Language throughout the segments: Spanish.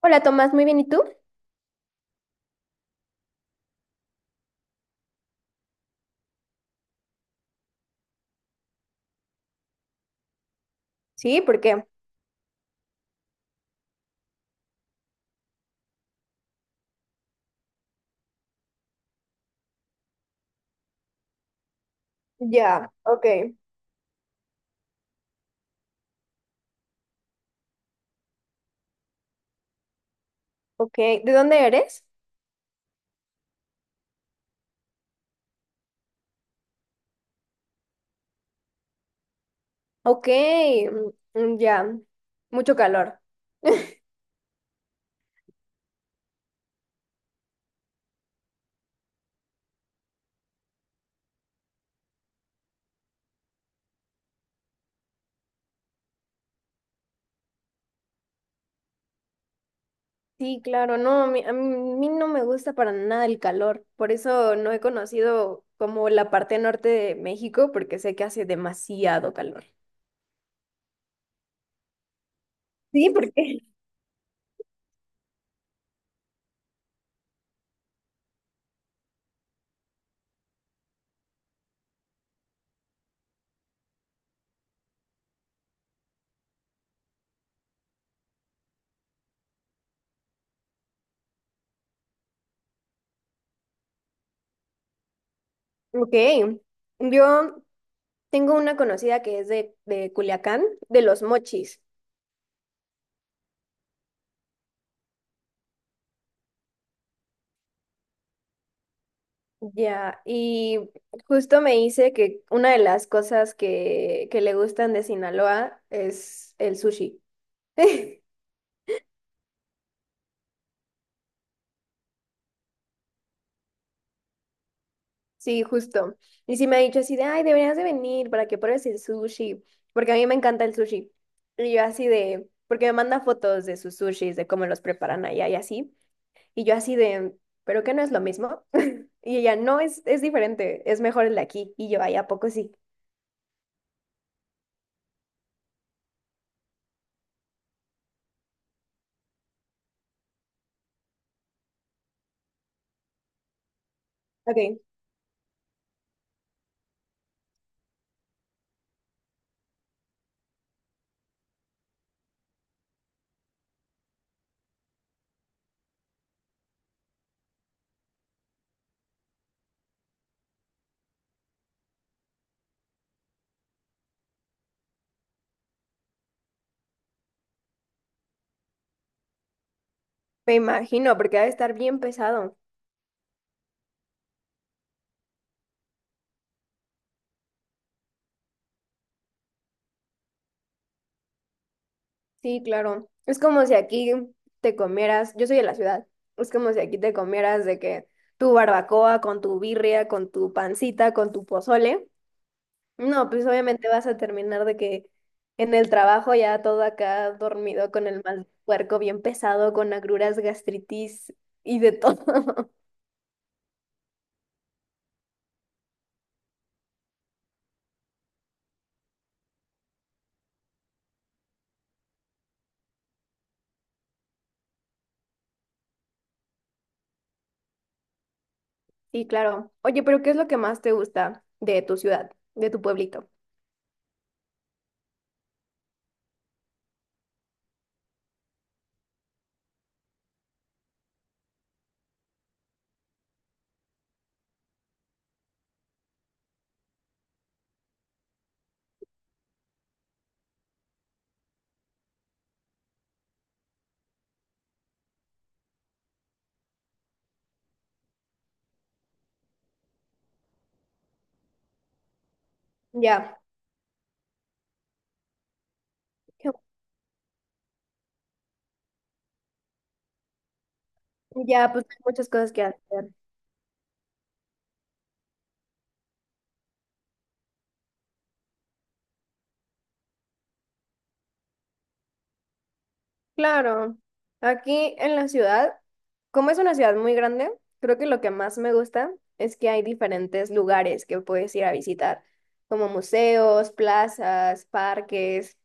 Hola Tomás, muy bien, ¿y tú? Sí, ¿por qué? Ya, ok, ok. ¿De dónde eres? Ok, mm, mm, ya, mucho calor. Sí, claro, no, a mí no me gusta para nada el calor, por eso no he conocido como la parte norte de México, porque sé que hace demasiado calor. Sí, ¿por qué? Ok, yo tengo una conocida que es de Culiacán, de Los Mochis. Ya, y justo me dice que una de las cosas que le gustan de Sinaloa es el sushi. Sí, justo. Y sí me ha dicho así de, ay, deberías de venir para que pruebes el sushi, porque a mí me encanta el sushi. Y yo así de, porque me manda fotos de sus sushis, de cómo los preparan allá y así. Y yo así de, ¿pero qué no es lo mismo? Y ella, no, es diferente, es mejor el de aquí. Y yo, ay, ¿a poco sí? Ok. Me imagino, porque ha de estar bien pesado. Sí, claro. Es como si aquí te comieras, yo soy de la ciudad, es como si aquí te comieras de que tu barbacoa con tu birria, con tu pancita, con tu pozole. No, pues obviamente vas a terminar de que en el trabajo ya todo acá dormido con el mal puerco bien pesado, con agruras, gastritis y de todo. Sí, claro. Oye, pero ¿qué es lo que más te gusta de tu ciudad, de tu pueblito? Ya, ya, pues hay muchas cosas que hacer. Claro, aquí en la ciudad, como es una ciudad muy grande, creo que lo que más me gusta es que hay diferentes lugares que puedes ir a visitar, como museos, plazas, parques.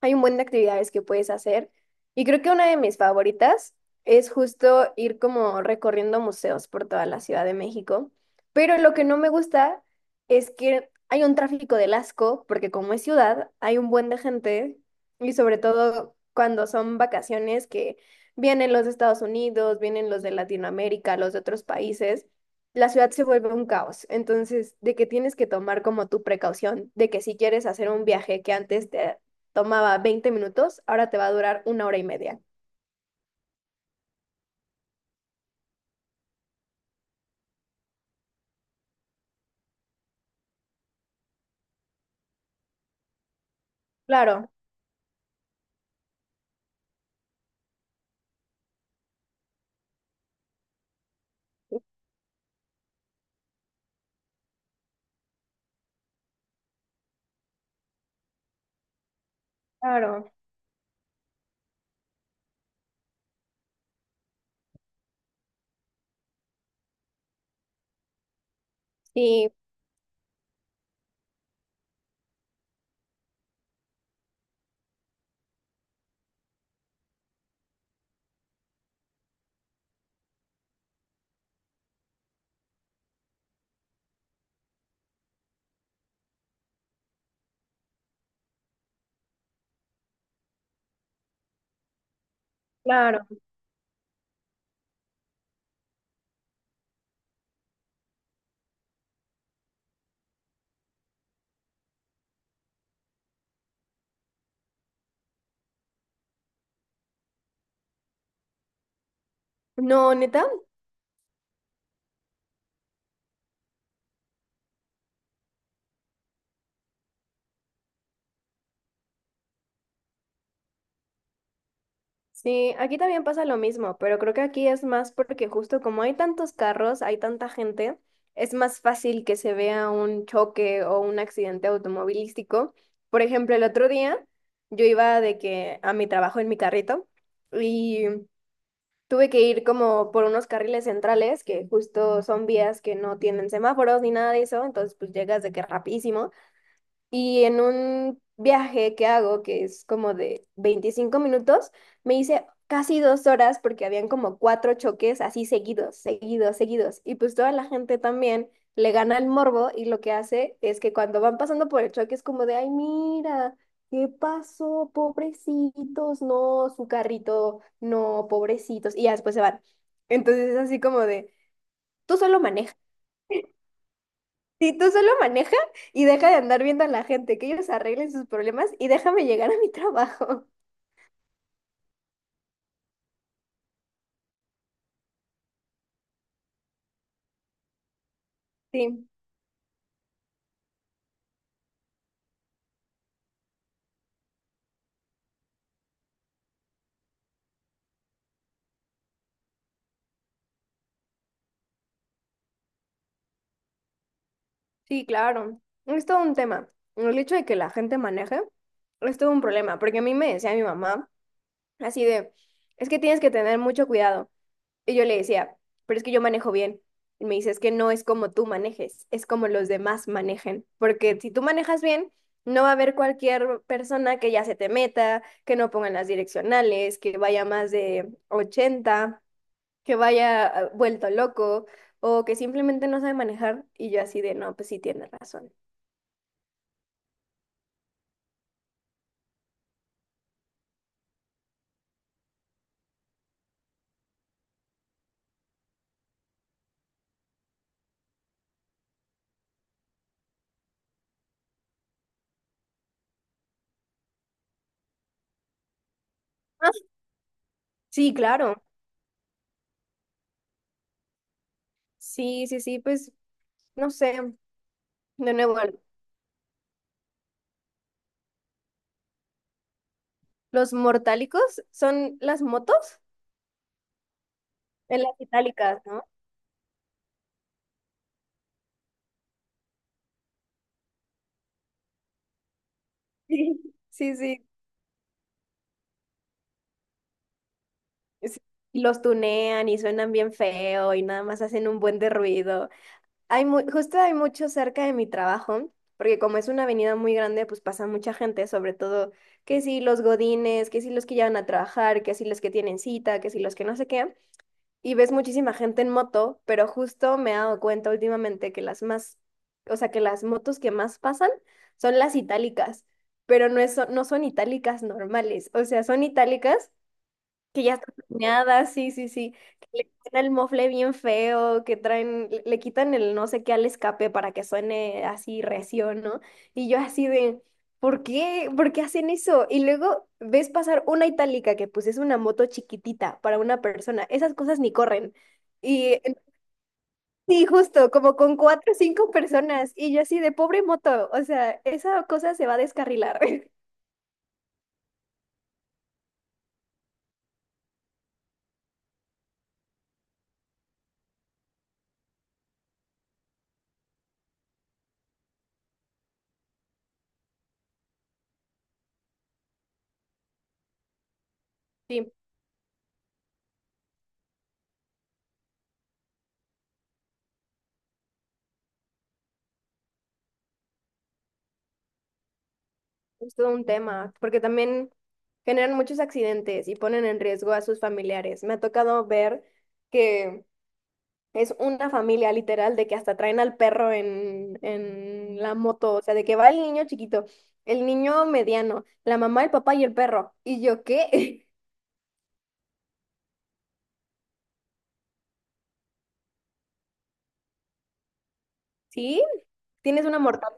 Hay un buen de actividades que puedes hacer y creo que una de mis favoritas es justo ir como recorriendo museos por toda la Ciudad de México, pero lo que no me gusta es que hay un tráfico del asco porque como es ciudad hay un buen de gente y sobre todo cuando son vacaciones que vienen los de Estados Unidos, vienen los de Latinoamérica, los de otros países. La ciudad se vuelve un caos, entonces de que tienes que tomar como tu precaución, de que si quieres hacer un viaje que antes te tomaba 20 minutos, ahora te va a durar una hora y media. Claro, claro, sí, claro. No, neta, sí, aquí también pasa lo mismo, pero creo que aquí es más porque justo como hay tantos carros, hay tanta gente, es más fácil que se vea un choque o un accidente automovilístico. Por ejemplo, el otro día yo iba de que a mi trabajo en mi carrito. Y tuve que ir como por unos carriles centrales, que justo son vías que no tienen semáforos ni nada de eso, entonces pues llegas de que rapidísimo. Y en un viaje que hago, que es como de 25 minutos, me hice casi 2 horas porque habían como cuatro choques así seguidos, seguidos, seguidos. Y pues toda la gente también le gana el morbo y lo que hace es que cuando van pasando por el choque es como de, ay, mira, ¿qué pasó? Pobrecitos, no, su carrito, no, pobrecitos. Y ya después se van. Entonces es así como de, tú solo manejas si tú solo maneja y deja de andar viendo a la gente, que ellos arreglen sus problemas y déjame llegar a mi trabajo. Sí, sí, claro. Es todo un tema. El hecho de que la gente maneje es todo un problema, porque a mí me decía mi mamá así de, es que tienes que tener mucho cuidado. Y yo le decía, pero es que yo manejo bien. Y me dice, es que no es como tú manejes, es como los demás manejen. Porque si tú manejas bien, no va a haber cualquier persona que ya se te meta, que no pongan las direccionales, que vaya más de 80, que vaya vuelto loco o que simplemente no sabe manejar. Y yo así de, no, pues sí tiene razón. Ah, sí, claro. Sí, sí, sí, pues no sé. De nuevo, los mortálicos son las motos en las itálicas, no. Sí, sí, sí. Sí. Y los tunean y suenan bien feo y nada más hacen un buen de ruido. Justo hay mucho cerca de mi trabajo, porque como es una avenida muy grande, pues pasa mucha gente, sobre todo que si los godines, que si los que llevan a trabajar, que si los que tienen cita, que si los que no sé qué. Y ves muchísima gente en moto, pero justo me he dado cuenta últimamente que las más, o sea, que las motos que más pasan son las itálicas, pero no es, no son itálicas normales, o sea, son itálicas. Que ya está tuneada, sí, sí, sí. Que le quitan el mofle bien feo, que traen, le quitan el no sé qué al escape para que suene así recio, ¿no? Y yo así de, ¿por qué? ¿Por qué hacen eso? Y luego ves pasar una itálica que pues es una moto chiquitita para una persona. Esas cosas ni corren. Y en- sí, justo, como con cuatro o cinco personas. Y yo así de, pobre moto, o sea, esa cosa se va a descarrilar. Sí. Es todo un tema, porque también generan muchos accidentes y ponen en riesgo a sus familiares. Me ha tocado ver que es una familia literal de que hasta traen al perro en la moto, o sea, de que va el niño chiquito, el niño mediano, la mamá, el papá y el perro. ¿Y yo qué? ¿Sí? ¿Tienes una mortal?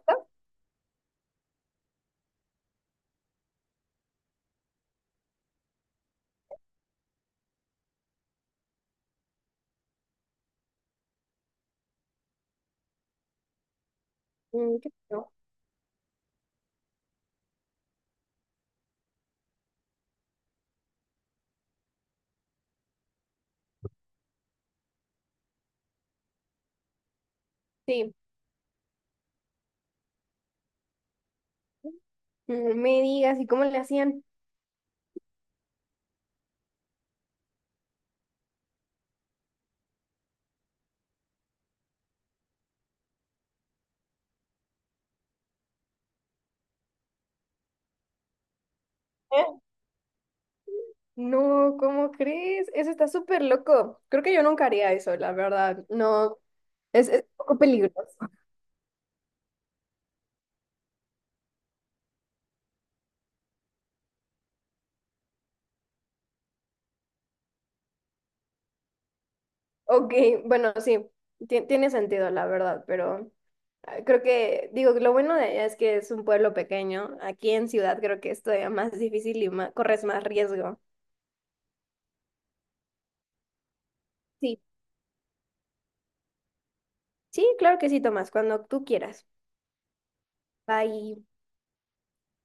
Mm, qué feo. Sí. Mm, me digas, ¿y cómo le hacían? ¿Eh? No, ¿cómo crees? Eso está súper loco. Creo que yo nunca haría eso, la verdad. No. Es un poco peligroso. Ok, bueno, sí, tiene sentido, la verdad, pero creo que, digo, lo bueno de allá es que es un pueblo pequeño. Aquí en ciudad creo que es todavía más difícil y corres más riesgo. Sí, sí, claro que sí, Tomás, cuando tú quieras. Bye.